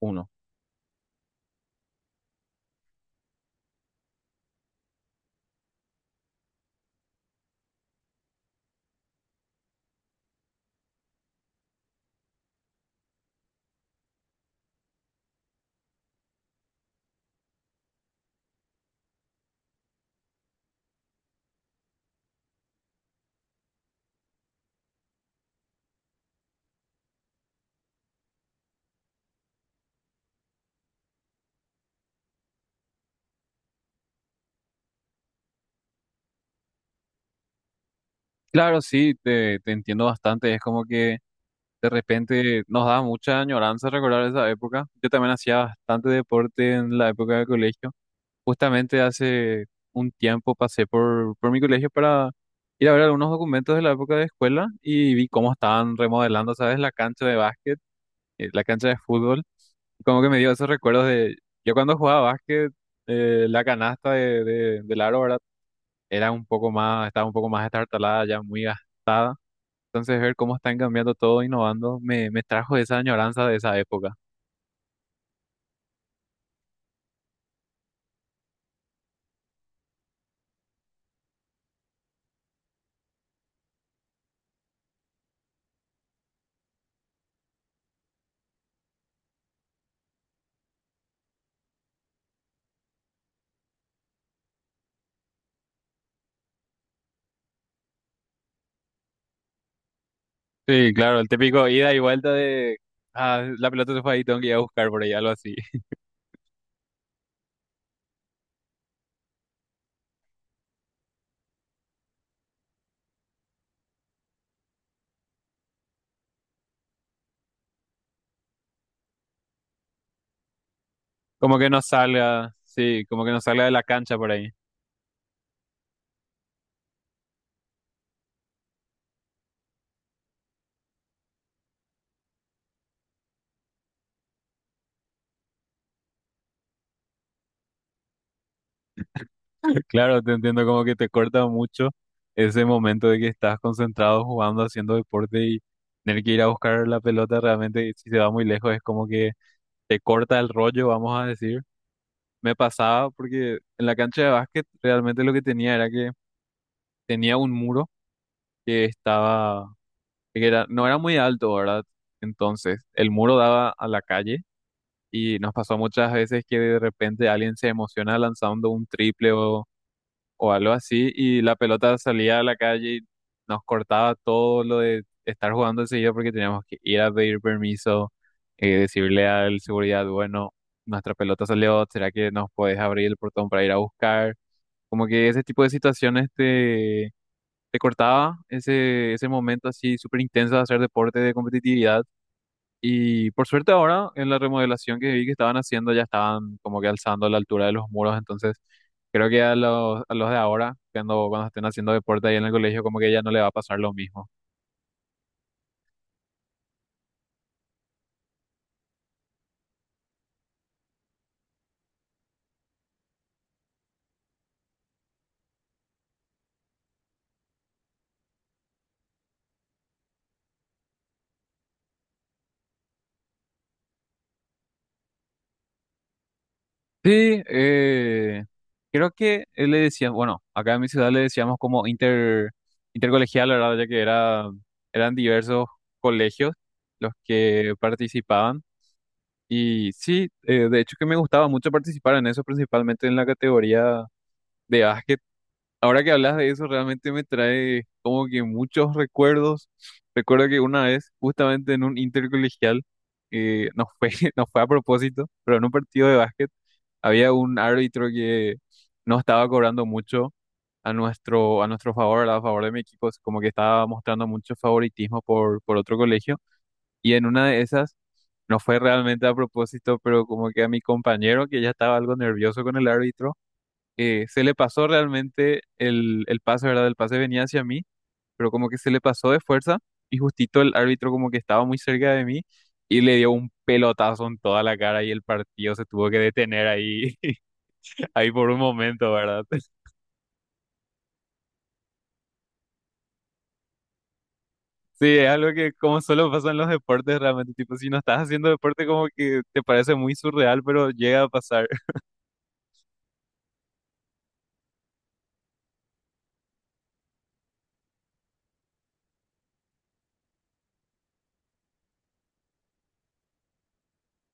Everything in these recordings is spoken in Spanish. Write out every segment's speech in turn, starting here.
Uno. Claro, sí, te entiendo bastante. Es como que de repente nos da mucha añoranza recordar esa época. Yo también hacía bastante deporte en la época de colegio. Justamente hace un tiempo pasé por mi colegio para ir a ver algunos documentos de la época de escuela y vi cómo estaban remodelando, ¿sabes? La cancha de básquet, la cancha de fútbol. Como que me dio esos recuerdos de yo cuando jugaba básquet, la canasta del aro, ¿verdad? Era un poco más, estaba un poco más estartalada, ya muy gastada. Entonces ver cómo están cambiando todo, innovando, me trajo esa añoranza de esa época. Sí, claro, el típico ida y vuelta ah, la pelota se fue ahí, tengo que ir a buscar por ahí, algo así. Como que no salga, sí, como que no salga de la cancha por ahí. Claro, te entiendo como que te corta mucho ese momento de que estás concentrado jugando, haciendo deporte y tener que ir a buscar la pelota realmente, si se va muy lejos, es como que te corta el rollo, vamos a decir. Me pasaba porque en la cancha de básquet realmente lo que tenía era que tenía un muro que estaba, que era, no era muy alto, ¿verdad? Entonces, el muro daba a la calle y nos pasó muchas veces que de repente alguien se emociona lanzando un triple o algo así y la pelota salía a la calle y nos cortaba todo lo de estar jugando enseguida porque teníamos que ir a pedir permiso, decirle al seguridad, bueno, nuestra pelota salió, ¿será que nos puedes abrir el portón para ir a buscar? Como que ese tipo de situaciones te cortaba ese momento así súper intenso de hacer deporte de competitividad. Y por suerte ahora en la remodelación que vi que estaban haciendo ya estaban como que alzando la altura de los muros. Entonces creo que a a los de ahora, cuando estén haciendo deporte ahí en el colegio, como que ya no le va a pasar lo mismo. Sí, creo que él le decía, bueno, acá en mi ciudad le decíamos como intercolegial, la verdad, ya que era, eran diversos colegios los que participaban. Y sí, de hecho que me gustaba mucho participar en eso, principalmente en la categoría de básquet. Ahora que hablas de eso, realmente me trae como que muchos recuerdos. Recuerdo que una vez, justamente en un intercolegial, nos fue, nos fue a propósito, pero en un partido de básquet, había un árbitro que no estaba cobrando mucho a a nuestro favor, ¿verdad? A favor de mi equipo, es como que estaba mostrando mucho favoritismo por otro colegio. Y en una de esas, no fue realmente a propósito, pero como que a mi compañero, que ya estaba algo nervioso con el árbitro, se le pasó realmente el pase, ¿verdad? El pase venía hacia mí, pero como que se le pasó de fuerza y justito el árbitro como que estaba muy cerca de mí y le dio un pelotazo en toda la cara y el partido se tuvo que detener ahí, ahí por un momento, ¿verdad? Sí, es algo que como solo pasa en los deportes realmente, tipo, si no estás haciendo deporte como que te parece muy surreal, pero llega a pasar.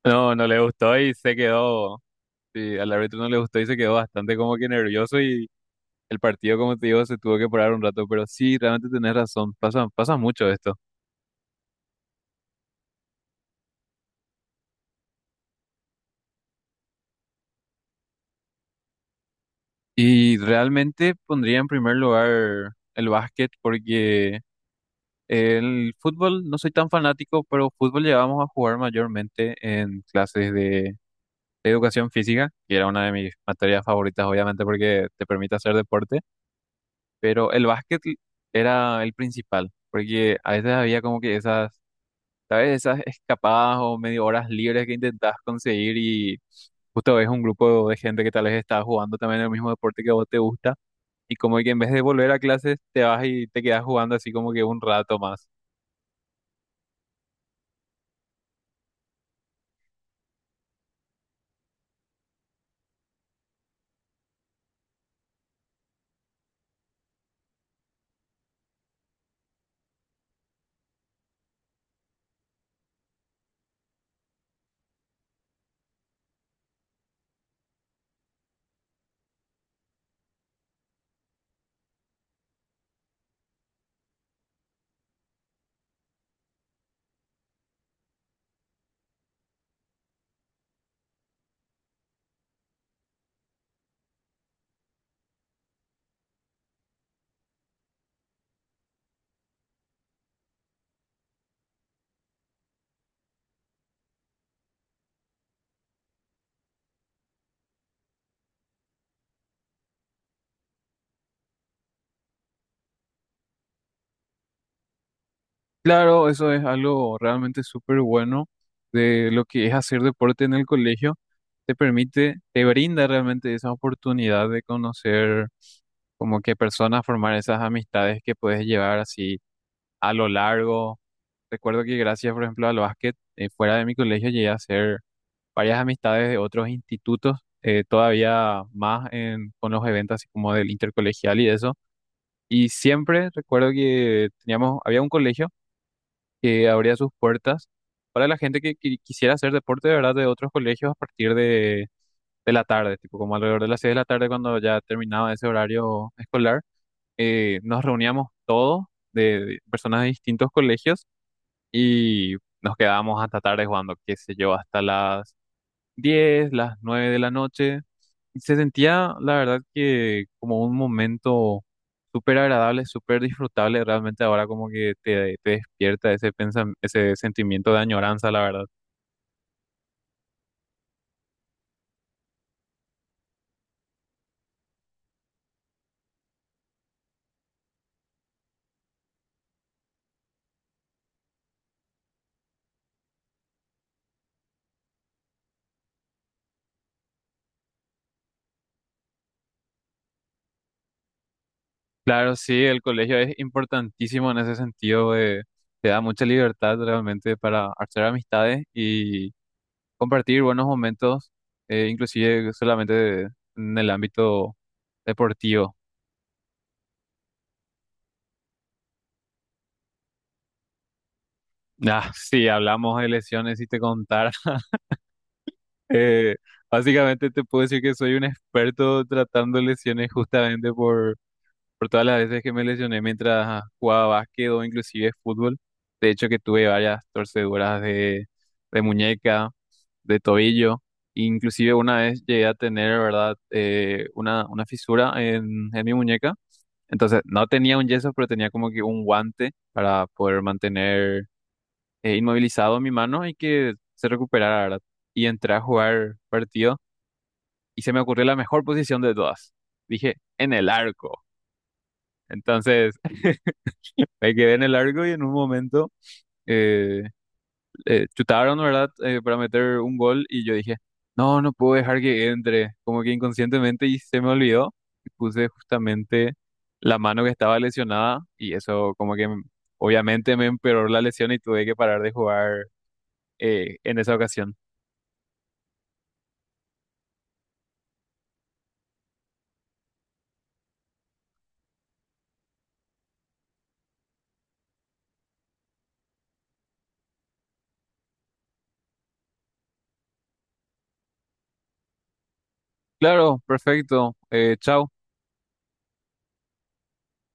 No, no le gustó y se quedó, sí, al árbitro no le gustó y se quedó bastante como que nervioso y el partido, como te digo, se tuvo que parar un rato, pero sí, realmente tenés razón, pasa, pasa mucho esto. Y realmente pondría en primer lugar el básquet porque el fútbol no soy tan fanático, pero fútbol llegábamos a jugar mayormente en clases de educación física, que era una de mis materias favoritas, obviamente, porque te permite hacer deporte, pero el básquet era el principal, porque a veces había como que esas, ¿sabes? Esas escapadas o medio horas libres que intentabas conseguir y justo ves un grupo de gente que tal vez está jugando también el mismo deporte que a vos te gusta y como que en vez de volver a clases te vas y te quedas jugando así como que un rato más. Claro, eso es algo realmente súper bueno de lo que es hacer deporte en el colegio. Te permite, te brinda realmente esa oportunidad de conocer como que personas, formar esas amistades que puedes llevar así a lo largo. Recuerdo que gracias, por ejemplo, al básquet, fuera de mi colegio llegué a hacer varias amistades de otros institutos, todavía más con los eventos así como del intercolegial y eso. Y siempre recuerdo que teníamos, había un colegio que abría sus puertas para la gente que quisiera hacer deporte de verdad de otros colegios a partir de la tarde, tipo como alrededor de las 6 de la tarde cuando ya terminaba ese horario escolar. Nos reuníamos todos de personas de distintos colegios y nos quedábamos hasta tarde jugando, qué sé yo, hasta las 10 las 9 de la noche. Y se sentía, la verdad, que como un momento súper agradable, súper disfrutable. Realmente ahora como que te despierta ese ese sentimiento de añoranza, la verdad. Claro, sí, el colegio es importantísimo en ese sentido. Te da mucha libertad realmente para hacer amistades y compartir buenos momentos, inclusive en el ámbito deportivo. Ah, sí, hablamos de lesiones y te contar. Eh, básicamente te puedo decir que soy un experto tratando lesiones justamente por todas las veces que me lesioné mientras jugaba básquet o inclusive fútbol. De hecho que tuve varias torceduras de muñeca, de tobillo. Inclusive una vez llegué a tener, ¿verdad? Una fisura en mi muñeca. Entonces no tenía un yeso, pero tenía como que un guante para poder mantener inmovilizado mi mano y que se recuperara, ¿verdad? Y entré a jugar partidos y se me ocurrió la mejor posición de todas. Dije, en el arco. Entonces, me quedé en el arco y en un momento eh, chutaron, ¿verdad? Para meter un gol y yo dije, no, no puedo dejar que entre, como que inconscientemente y se me olvidó. Y puse justamente la mano que estaba lesionada y eso como que obviamente me empeoró la lesión y tuve que parar de jugar en esa ocasión. Claro, perfecto. Chao.